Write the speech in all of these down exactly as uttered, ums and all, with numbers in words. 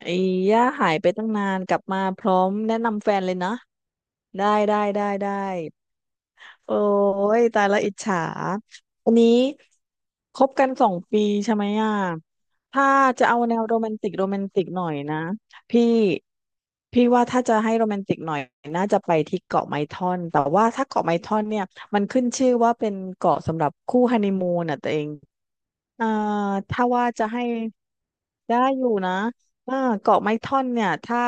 ไอ้ย่าหายไปตั้งนานกลับมาพร้อมแนะนำแฟนเลยนะได้ได้ได้ได้โอ้ยตายละอิจฉาอันนี้คบกันสองปีใช่ไหมอ่ะถ้าจะเอาแนวโรแมนติกโรแมนติกหน่อยนะพี่พี่ว่าถ้าจะให้โรแมนติกหน่อยน่าจะไปที่เกาะไม้ท่อนแต่ว่าถ้าเกาะไม้ท่อนเนี่ยมันขึ้นชื่อว่าเป็นเกาะสำหรับคู่ฮันนีมูนอ่ะตัวเอง อ่าถ้าว่าจะให้ได้อยู่นะอ่าเกาะไม้ท่อนเนี่ยถ้า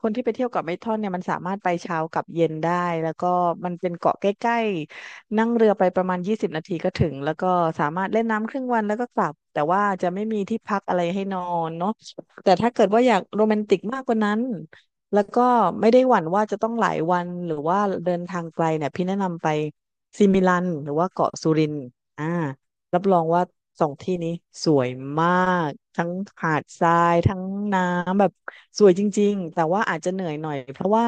คนที่ไปเที่ยวเกาะไม้ท่อนเนี่ยมันสามารถไปเช้ากับเย็นได้แล้วก็มันเป็นเกาะใกล้ๆนั่งเรือไปประมาณยี่สิบนาทีก็ถึงแล้วก็สามารถเล่นน้ำครึ่งวันแล้วก็กลับแต่ว่าจะไม่มีที่พักอะไรให้นอนเนาะแต่ถ้าเกิดว่าอยากโรแมนติกมากกว่านั้นแล้วก็ไม่ได้หวั่นว่าจะต้องหลายวันหรือว่าเดินทางไกลเนี่ยพี่แนะนำไปซิมิลันหรือว่าเกาะสุรินทร์อ่า รับรองว่าสองที่นี้สวยมากทั้งหาดทรายทั้งน้ำแบบสวยจริงๆอาจจะเหนื่อยหน่อยเพราะว่า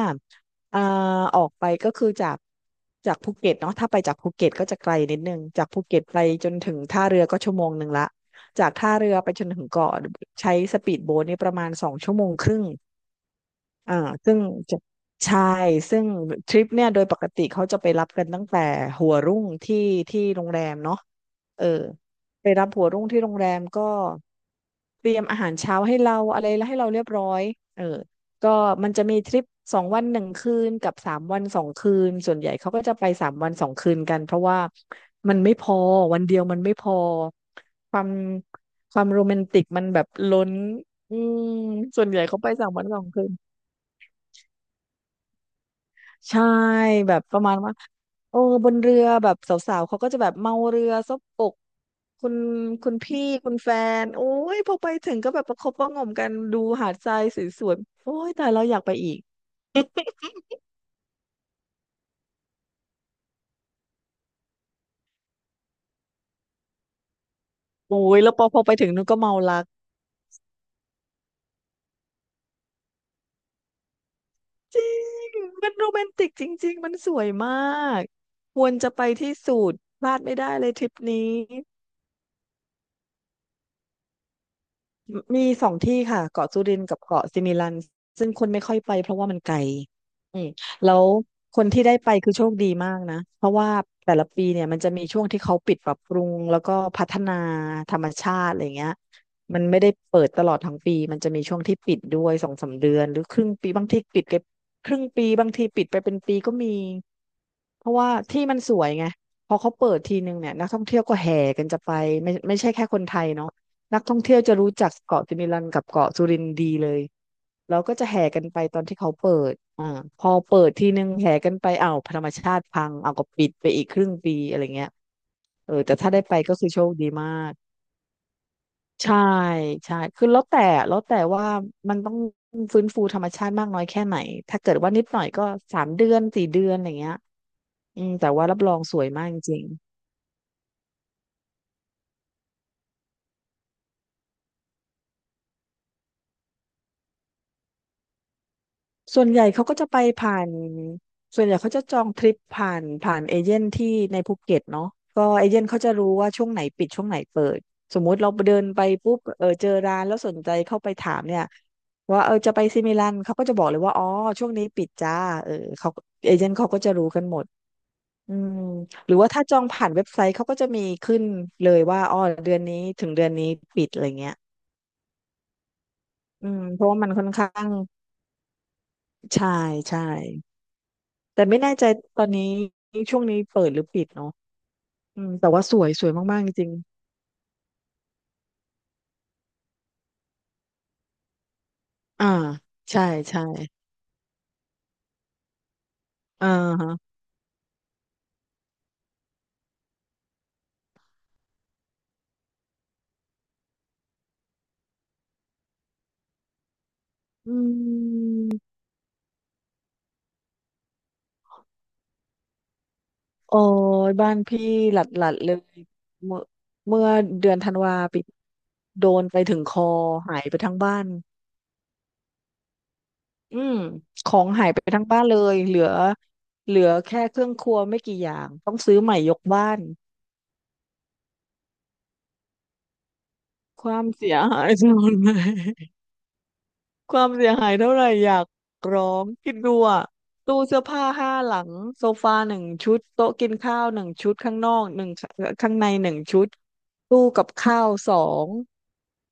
อ่าออกไปก็คือจากจากภูเก็ตเนาะถ้าไปจากภูเก็ตก็จะไกลนิดนึงจากภูเก็ตไปจนถึงท่าเรือก็ชั่วโมงหนึ่งละจากท่าเรือไปจนถึงเกาะใช้สปีดโบ๊ทนี่ประมาณสองชั่วโมงครึ่ง อ่าซึ่งจะใช่ซึ่งทริปเนี่ยโดยปกติเขาจะไปรับกันตั้งแต่หัวรุ่งที่ที่โรงแรมเนาะเออไปรับหัวรุ่งที่โรงแรมก็เตรียมอาหารเช้าให้เราอะไรแล้วให้เราเรียบร้อยเออก็มันจะมีทริปสองวันหนึ่งคืนกับสามวันสองคืนส่วนใหญ่เขาก็จะไปสามวันสองคืนกันเพราะว่ามันไม่พอวันเดียวมันไม่พอความความโรแมนติกมันแบบล้นอืมส่วนใหญ่เขาไปสามวันสองคืน ใช่แบบประมาณว่าโอ้บนเรือแบบสาวๆเขาก็จะแบบเมาเรือซบอกคุณคุณพี่คุณแฟนโอ้ยพอไปถึงก็แบบประคบประหงมกันดูหาดทรายสวยๆโอ้ยแต่เรายแล้วอยากไปอีกโอ้ยแล้วพอพอไปถึงนู้นก็เมารักจริงมันโรแมนติกจริงๆมันสวยมากควรจะไปที่สุดพลาดไม่ได้เลยทริปนี้ มีสองที่ค่ะเกาะสุรินทร์กับเกาะสิมิลันซึ่งคนไม่ค่อยไปเพราะว่ามันไกลอืมแล้วคนที่ได้ไปคือโชคดีมากนะเพราะว่าแต่ละปีเนี่ยมันจะมีช่วงที่เขาปิดปรับปรุงแล้วก็พัฒนาธรรมชาติอะไรเงี้ยมันไม่ได้เปิดตลอดทั้งปีมันจะมีช่วงที่ปิดด้วยสองสามเดือนหรือครึ่งปีบางทีปิดไปครึ่งปีบางทีปิดไปเป็นปีก็มีเพราะว่าที่มันสวยไงพอเขาเปิดทีนึงเนี่ยนักท่องเที่ยวก็แห่กันจะไปไม่ไม่ใช่แค่คนไทยเนาะ นักท่องเที่ยวจะรู้จักเกาะสิมิลันกับเกาะสุรินทร์ดีเลยแล้วก็จะแห่กันไปตอนที่เขาเปิดอ่าพอเปิดทีนึงแห่กันไปอ้าวธรรมชาติพังเอาก็ปิดไปอีกครึ่งปีอะไรเงี้ยเออแต่ถ้าได้ไปก็คือโชคดีมากใช่ใช่คือแล้วแต่แล้วแต่ว่ามันต้องฟื้นฟูธรรมชาติมากน้อยแค่ไหนถ้าเกิดว่านิดหน่อยก็สามเดือนสี่เดือนอะไรเงี้ยอืมแต่ว่ารับรองสวยมากจริง ส่วนใหญ่เขาก็จะไปผ่านส่วนใหญ่เขาจะจองทริปผ่านผ่านเอเจนต์ที่ในภูเก็ตเนาะก็เอเจนต์เขาจะรู้ว่าช่วงไหนปิดช่วงไหนเปิดสมมุติเราเดินไปปุ๊บเออเจอร้านแล้วสนใจเข้าไปถามเนี่ยว่าเออจะไปซิมิลันเขาก็จะบอกเลยว่าอ๋อช่วงนี้ปิดจ้าเออเขาเอเจนต์เขาก็จะรู้กันหมดอืมหรือว่าถ้าจองผ่านเว็บไซต์เขาก็จะมีขึ้นเลยว่าอ๋อเดือนนี้ถึงเดือนนี้ปิดอะไรเงี้ยอืมเพราะว่ามันค่อนข้างใช่ใช่ แต่ไม่แน่ใจตอนนี้ช่วงนี้เปิดหรือปิดเนาะอืมแต่ว่าสวยสวยมากๆจริงๆอ่าใช่ใช่อ่าฮะอืมโอ้ยบ้านพี่หลัดๆเลยเมื่อเมื่อเดือนธันวาปีโดนไปถึงคอหายไปทั้งบ้านอืมของหายไปทั้งบ้านเลยเหลือเหลือแค่เครื่องครัวไม่กี่อย่างต้องซื้อใหม่ยกบ้านความเสียหาย ทั้งหมดเลย ความเสียหายเท่าไหร่อยากร้องคิดดูอะตู้เสื้อผ้าห้าหลังโซฟาหนึ่งชุดโต๊ะกินข้าวหนึ่งชุดข้างนอกหนึ่งข้างในหนึ่งชุดตู้กับข้าวสอง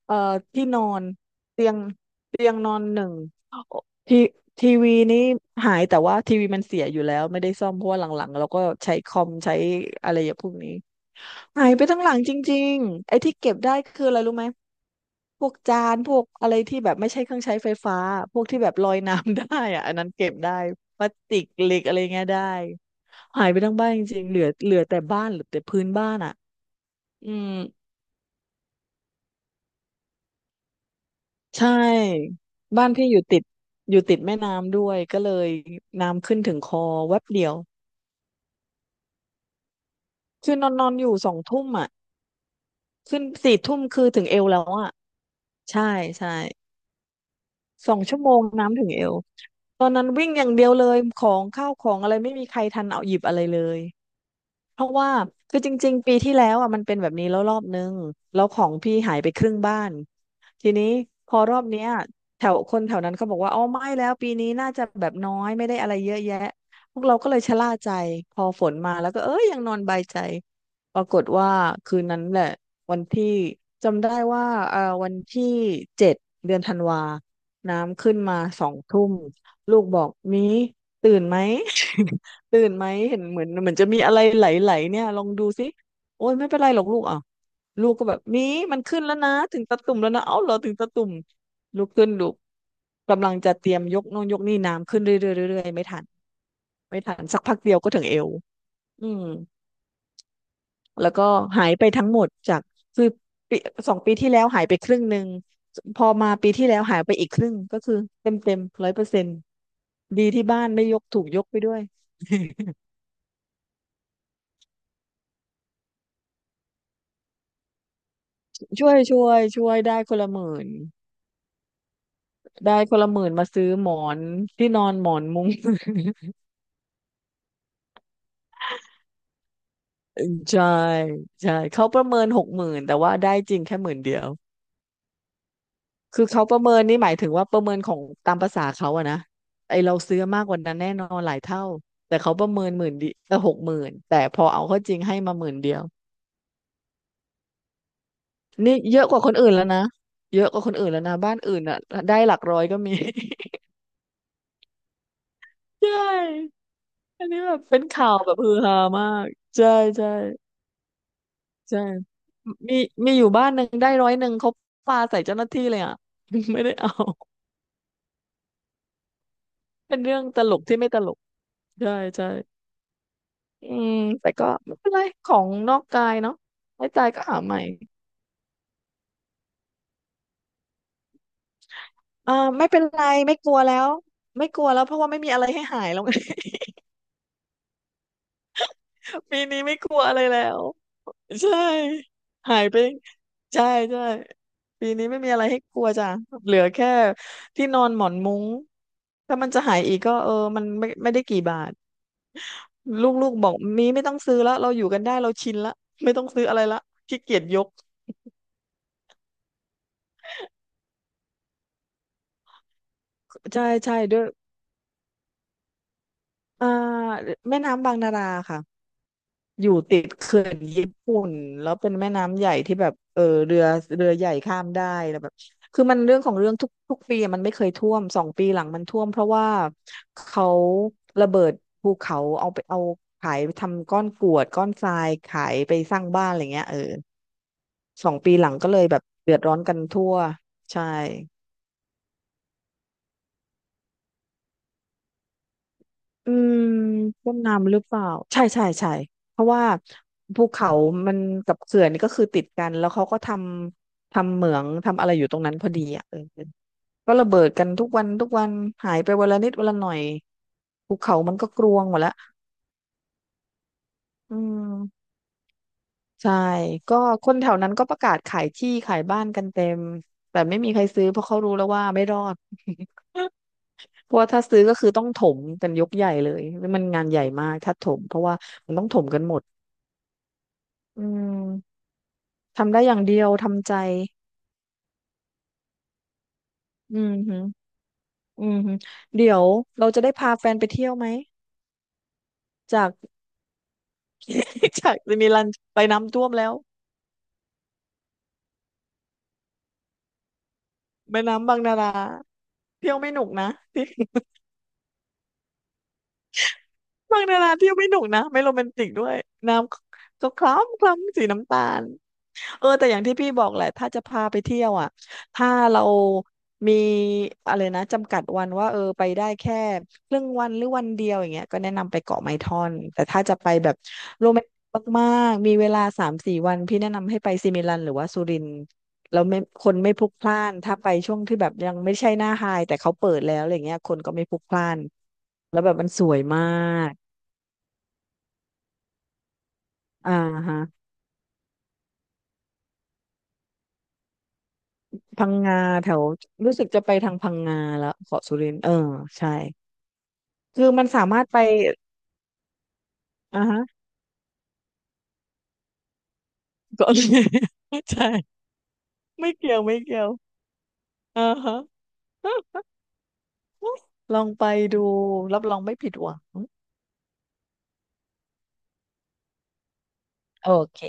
เอ่อที่นอนเตียงเตียงนอนหนึ่งโอทีทีวีนี้หายแต่ว่าทีวีมันเสียอยู่แล้วไม่ได้ซ่อมเพราะว่าหลังๆเราก็ใช้คอมใช้อะไรอย่างพวกนี้ หายไปทั้งหลังจริงๆไอ้ที่เก็บได้คืออะไรรู้ไหมพวกจานพวกอะไรที่แบบไม่ใช่เครื่องใช้ไฟฟ้า พวกที่แบบลอยน้ำได้อะอันนั้นเก็บได้พลาสติกเหล็กอะไรเงี้ยได้ หายไปทั้งบ้านจริงๆ เหลือเหลือแต่บ้านเหลือแต่พื้นบ้านอ่ะอืมใช่บ้านพี่อยู่ติดอยู่ติดแม่น้ำด้วยก็เลยน้ำขึ้นถึงคอแวบเดียวคือนอนนอนอยู่สองทุ่มอ่ะขึ้นสี่ทุ่มคือถึงเอวแล้วอ่ะใช่ใช่ สองชั่วโมงน้ำถึงเอวตอนนั้นวิ่งอย่างเดียวเลย ของข้าวของอะไรไม่มีใครทันเอาหยิบอะไรเลย เพราะว่าคือจริงๆปีที่แล้วอ่ะมันเป็นแบบนี้แล้วรอบนึงแล้วของพี่หายไปครึ่งบ้านทีนี้พอรอบเนี้ยแถวคนแถวนั้นเขาบอกว่าอ๋อไม่แล้วปีนี้น่าจะแบบน้อยไม่ได้อะไรเยอะแยะพวกเราก็เลยชะล่าใจพอฝนมาแล้วก็เอ้ยยังนอนใบายใจปรากฏว่าคืนนั้นแหละวันที่จำได้ว่าเอ่อวันที่เจ็ดเดือนธันวาน้ำขึ้นมาสองทุ่มลูกบอกมีตื่นไหม ตื่นไหมเห็นเหมือนเหมือนจะมีอะไรไหลๆเนี่ยลองดูสิโอ้ยไม่เป็นไรหรอกลูกอ่ะลูกก็แบบมีมันขึ้นแล้วนะถึงตะตุ่มแล้วนะเอ้าเหรอถึงตะตุ่มลุกขึ้นลูกกำลังจะเตรียมยกโน้องยกนี่น้ำขึ้นเรื่อยๆเรื่อยๆไม่ทันไม่ทันสักพักเดียวก็ถึงเอวอืมแล้วก็หายไปทั้งหมดจากคือปีสองปีที่แล้วหายไปครึ่งหนึ่งพอมาปีที่แล้วหายไปอีกครึ่งก็คือเต็มเต็มร้อยเปอร์เซ็นต์ดีที่บ้านไม่ยกถูกยกไปด้วยช่วยช่วยช่วยได้คนละหมื่น ได้คนละหมื่นมาซื้อหมอนที่นอนหมอนมุ้ง ใช่ใช่เขาประเมินหกหมื่นแต่ว่าได้จริงแค่หมื่นเดียวคือเขาประเมินนี่หมายถึงว่าประเมินของตามภาษาเขาอะนะไอเราซื้อมากกว่านั้นแน่นอนหลายเท่าแต่เขาประเมินหมื่นดิเออหกหมื่นแต่พอเอาเข้าจริงให้มาหมื่นเดียวนี่เยอะกว่าคนอื่นแล้วนะเยอะกว่าคนอื่นแล้วนะบ้านอื่นอะได้หลักร้อยก็มี ใช่อันนี้แบบเป็นข่าวแบบฮือฮามากใช่ใช่ ใช่มีมีอยู่บ้านหนึ่งได้ร้อยหนึ่งเขาปาใส่เจ้าหน้าที่เลยอ่ะ ไม่ได้เอา เป็นเรื่องตลกที่ไม่ตลก ใช่ใช่อืมแต่ก็ไม่เป็นไร ของนอกกายเนาะไม่ตายก็หาใหม่อ่าไม่เป็นไร ไม่กลัวแล้ว ไม่กลัวแล้วเพราะว่าไม่มีอะไรให้หายแล้ว ปีนี้ไม่กลัวอะไรแล้ว ใช่ หายไปใช่ใช่ปีนี้ไม่มีอะไรให้กลัวจ้ะเหลือแค่ที่นอนหมอนมุ้งถ้ามันจะหายอีกก็เออมันไม่ไม่ได้กี่บาท ลูกๆบอกมีไม่ต้องซื้อแล้วเราอยู่กันได้เราชินละไม่ต้องซื้ออะไรละขี้เกียจยกใช่ใช่ด้วยอ่าแม่น้ำบางนาราค่ะอยู่ติดเขื่อนญี่ปุ่นแล้วเป็นแม่น้ำใหญ่ที่แบบเออเรือเรือใหญ่ข้ามได้แล้วแบบคือมันเรื่องของเรื่องทุกทุกปีอะมันไม่เคยท่วมสองปีหลังมันท่วมเพราะว่าเขาระเบิดภูเขาเอาไปเอาขายทำก้อนกรวดก้อนทรายขายไปสร้างบ้านอะไรเงี้ยเออสองปีหลังก็เลยแบบเดือดร้อนกันทั่วใช่ อืมต้นน้ำหรือเปล่าใช่ใช่ใช่เพราะว่าภูเขามันกับเขื่อนนี่ก็คือติดกันแล้วเขาก็ทำทำเหมืองทำอะไรอยู่ตรงนั้นพอดีอ่ะเออก็ระเบิดกันทุกวันทุกวันหายไปวันละนิดวันละหน่อยภูเขามันก็กรวงหมดละอืมใช่ก็คนแถวนั้นก็ประกาศขายที่ขายบ้านกันเต็มแต่ไม่มีใครซื้อเพราะเขารู้แล้วว่าไม่รอด เพราะว่าถ้าซื้อก็คือต้องถมกันยกใหญ่เลยมันงานใหญ่มากถ้าถมเพราะว่ามันต้องอืม ทำได้อย่างเดียวทำใจอืมฮึอืมฮึเดี๋ยวเราจะได้พาแฟนไปเที่ยวไหม จาก จากจะมีรันไปน้ำท่วมแล้วแม่น้ำบางนาราเที่ยวไม่หนุกนะ บางนาราเที่ยวไม่หนุกนะไม่โรแมนติกด้วยน้ำก็คล้ำคล้ำสีน้ำตาล เออแต่อย่างที่พี่บอกแหละถ้าจะพาไปเที่ยวอ่ะถ้าเรามีอะไรนะจำกัดวันว่าเออไปได้แค่ครึ่งวันหรือวันเดียวอย่างเงี้ยก็แนะนำไปเกาะไม้ท่อนแต่ถ้าจะไปแบบโรแมนติกมากๆมีเวลาสามสี่วันพี่แนะนำให้ไปซิมิลันหรือว่าสุรินทร์แล้วไม่คนไม่พลุกพล่านถ้าไปช่วงที่แบบยังไม่ใช่หน้าไฮแต่เขาเปิดแล้วอะไรเงี้ยคนก็ไม่พลุกพล่านแล้วแบบมันสวยมากอ่าฮะพังงาแถวรู้สึกจะไปทางพังงาแล้วเกาะสุรินทร์เออใช่ คือมันสามารถไปอ่าฮะก็ ใช่ไม่เกี่ยว ไม่เกี่ยวอ่าฮะลองไปดู รับรองไม่ผิดหวังโอเค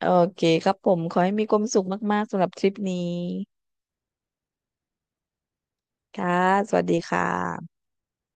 โอเคครับผม ขอให้มีความสุขมากๆสำหรับทริปนี้ค่ะสวัสดีค่ะ